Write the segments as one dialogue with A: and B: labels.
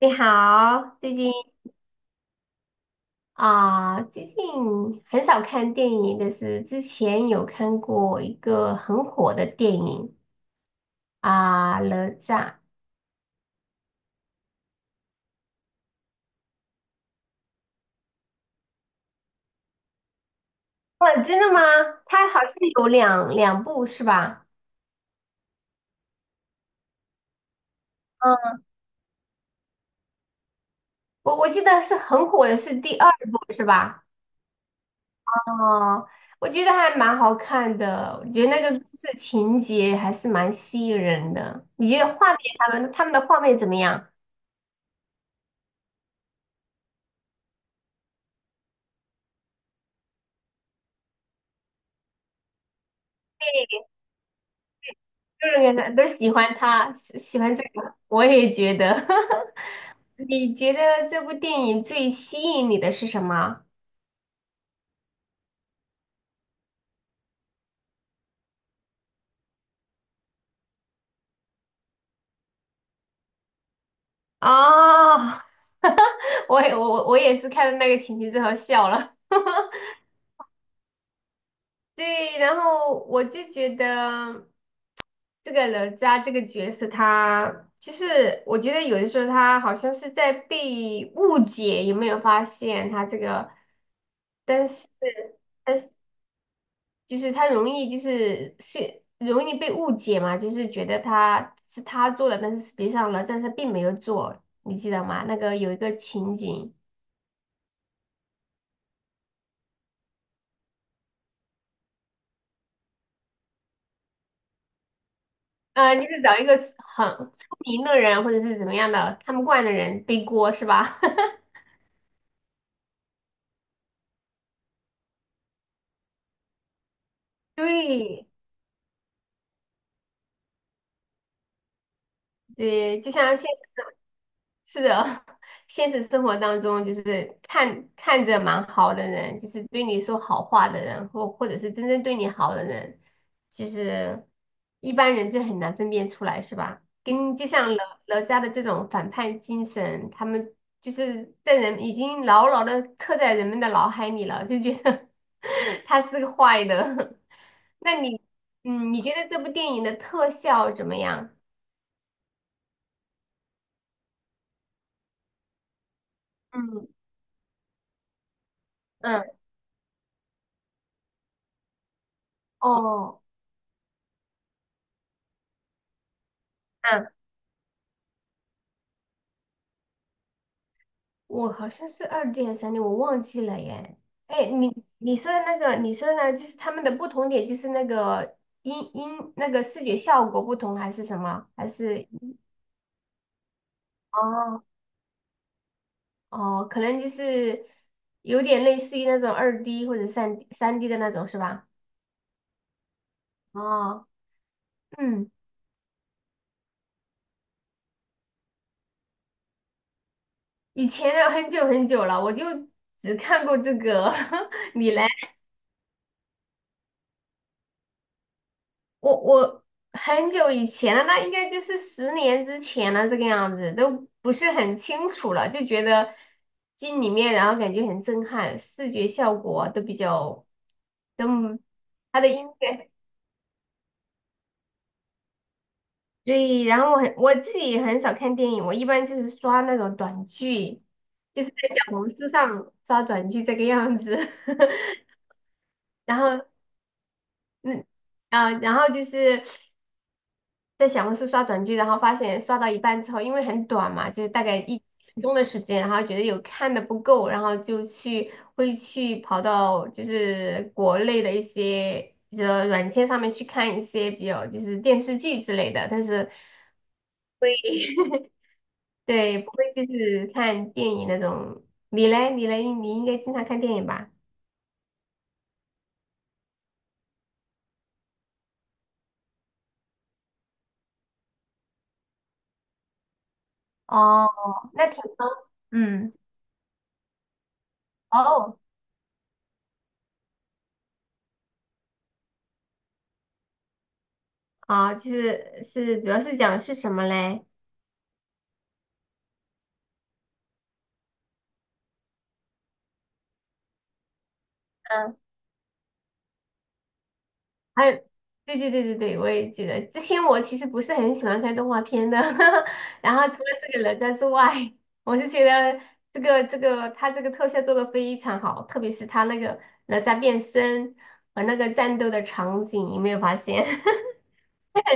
A: 你好，最近很少看电影，但是之前有看过一个很火的电影。啊，哪吒》。哇，真的吗？它好像有两部是吧？嗯，我记得是很火的是第二部是吧？哦，我觉得还蛮好看的，我觉得那个故事情节还是蛮吸引人的。你觉得画面他们他们的画面怎么样？各个男都喜欢他，喜欢这个，我也觉得。你觉得这部电影最吸引你的是什么？哦，我也是看到那个情节之后笑了。对，然后我就觉得这个哪吒这个角色他，就是我觉得有的时候他好像是在被误解，有没有发现他这个？但是，但是。就是他容易就是容易被误解嘛，就是觉得他是他做的，但是实际上呢，但是他并没有做，你记得吗？那个有一个情景。啊，你是找一个很出名的人或者是怎么样的看不惯的人背锅是吧？对，对，就像现实中是的，现实生活当中就是看着蛮好的人，就是对你说好话的人，或者是真正对你好的人，其实一般人就很难分辨出来，是吧？跟就像哪吒的这种反叛精神，他们就是在人已经牢牢的刻在人们的脑海里了，就觉得 他是个坏的。那你，嗯，你觉得这部电影的特效怎么样？嗯嗯。哦，嗯，我好像是二 D 还是三 D，我忘记了耶。哎，你说的那个，你说的呢，就是他们的不同点，就是那个那个视觉效果不同，还是什么？还是哦。哦，可能就是有点类似于那种二 D 或者三 D 的那种，是吧？哦，嗯，以前的很久很久了，我就只看过这个。你嘞？我很久以前了，那应该就是10年之前了，这个样子都不是很清楚了，就觉得进里面，然后感觉很震撼，视觉效果都比较，都他的音乐。对，然后我自己也很少看电影，我一般就是刷那种短剧，就是在小红书上刷短剧这个样子。然后嗯然后就是。在小红书刷短剧，然后发现刷到一半之后，因为很短嘛，就是大概1分钟的时间，然后觉得有看的不够，然后就去会去跑到就是国内的一些比较软件上面去看一些比较就是电视剧之类的，但是对不会就是看电影那种。你应该经常看电影吧？哦，那挺嗯。哦。啊，就是主要是讲是什么嘞？嗯。还有，对对对对对，我也记得。之前我其实不是很喜欢看动画片的，然后除了这个哪吒之外，我是觉得这个这个他这个特效做的非常好，特别是他那个哪吒变身和那个战斗的场景，有没有发现？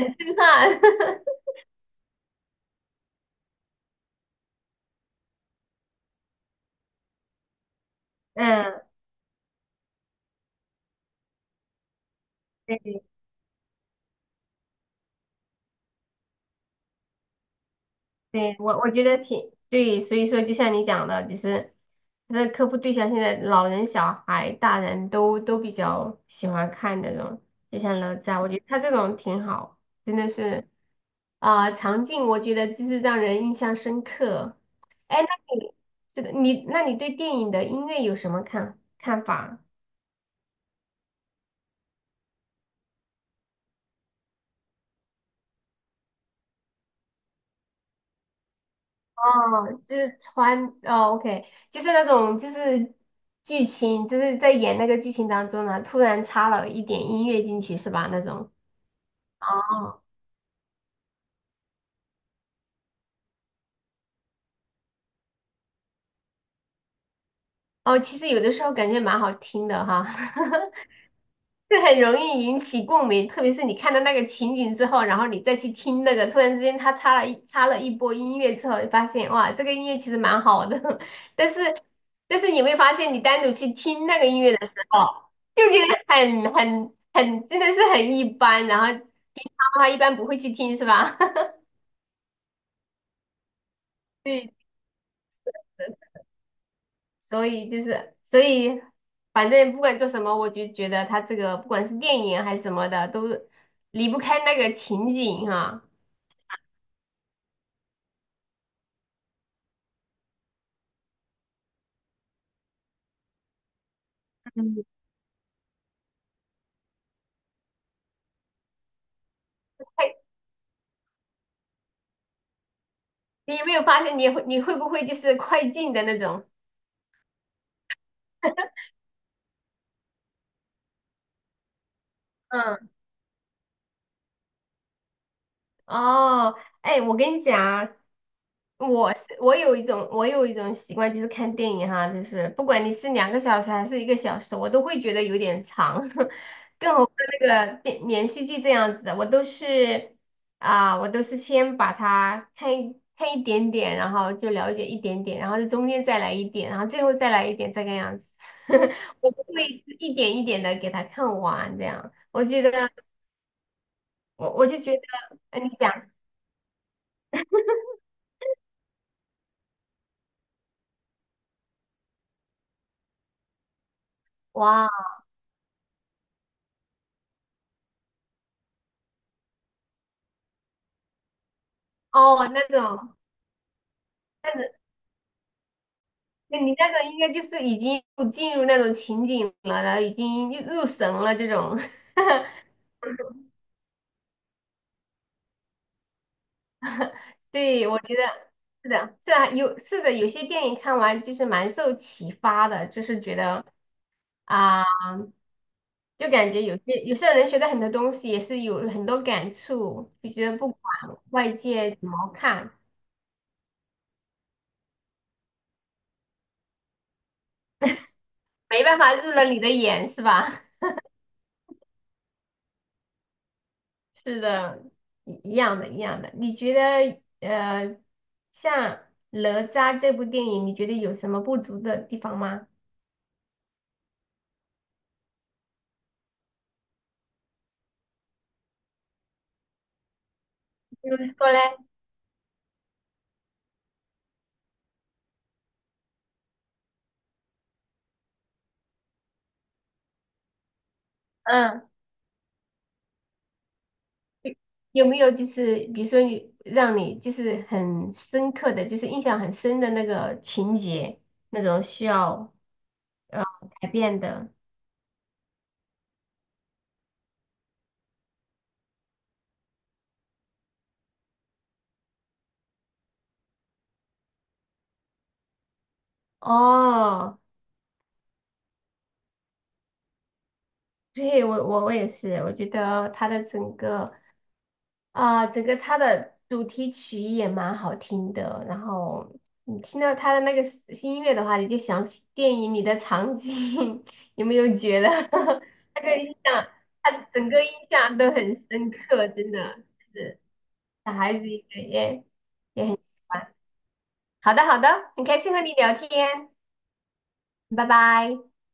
A: 震撼！嗯，对对，我觉得挺对，所以说就像你讲的，就是他的客户对象现在老人、小孩、大人都比较喜欢看那种，就像哪吒，我觉得他这种挺好，真的是场景我觉得就是让人印象深刻。哎，那你那你对电影的音乐有什么看法？哦，就是OK，就是那种就是剧情，就是在演那个剧情当中呢，突然插了一点音乐进去是吧？那种哦。哦，其实有的时候感觉蛮好听的哈，这很容易引起共鸣，特别是你看到那个情景之后，然后你再去听那个，突然之间他插了一波音乐之后，你发现哇，这个音乐其实蛮好的，但是但是你会发现，你单独去听那个音乐的时候，就觉得很真的是很一般，然后平常的话一般不会去听，是吧？对的，所以就是所以，反正不管做什么，我就觉得他这个不管是电影还是什么的，都离不开那个情景哈。嗯。你有没有发现你会不会就是快进的那种？嗯。哦，哎，我跟你讲啊，我是我有一种我有一种习惯，就是看电影哈，就是不管你是2个小时还是1个小时，我都会觉得有点长，更何况那个电连续剧这样子的，我都是我都是先把它看一点点，然后就了解一点点，然后在中间再来一点，然后最后再来一点，这个样子。我不会一点一点的给它看完这样，我觉得我就觉得。哎，你讲。哇。哦，那种，那你那种应该就是已经进入那种情景了，然后已经入神了这种。对，我觉得是的，是啊，有是的，有些电影看完就是蛮受启发的，就是觉得啊、就感觉有些人学的很多东西也是有很多感触，就觉得不管外界怎么看，没办法入了你的眼，是吧？是的，一样的，一样的。你觉得呃，像哪吒这部电影，你觉得有什么不足的地方吗？就是说嘞，嗯，有没有就是比如说你让你就是很深刻的，就是印象很深的那个情节，那种需要呃改变的？哦，对，我也是，我觉得它的整个。啊，整个它的主题曲也蛮好听的，然后你听到它的那个新音乐的话，你就想起电影里的场景，有没有觉得 那个印象，它整个印象都很深刻，真的是小孩子也很喜欢。好的，好的，很开心和你聊天，拜拜。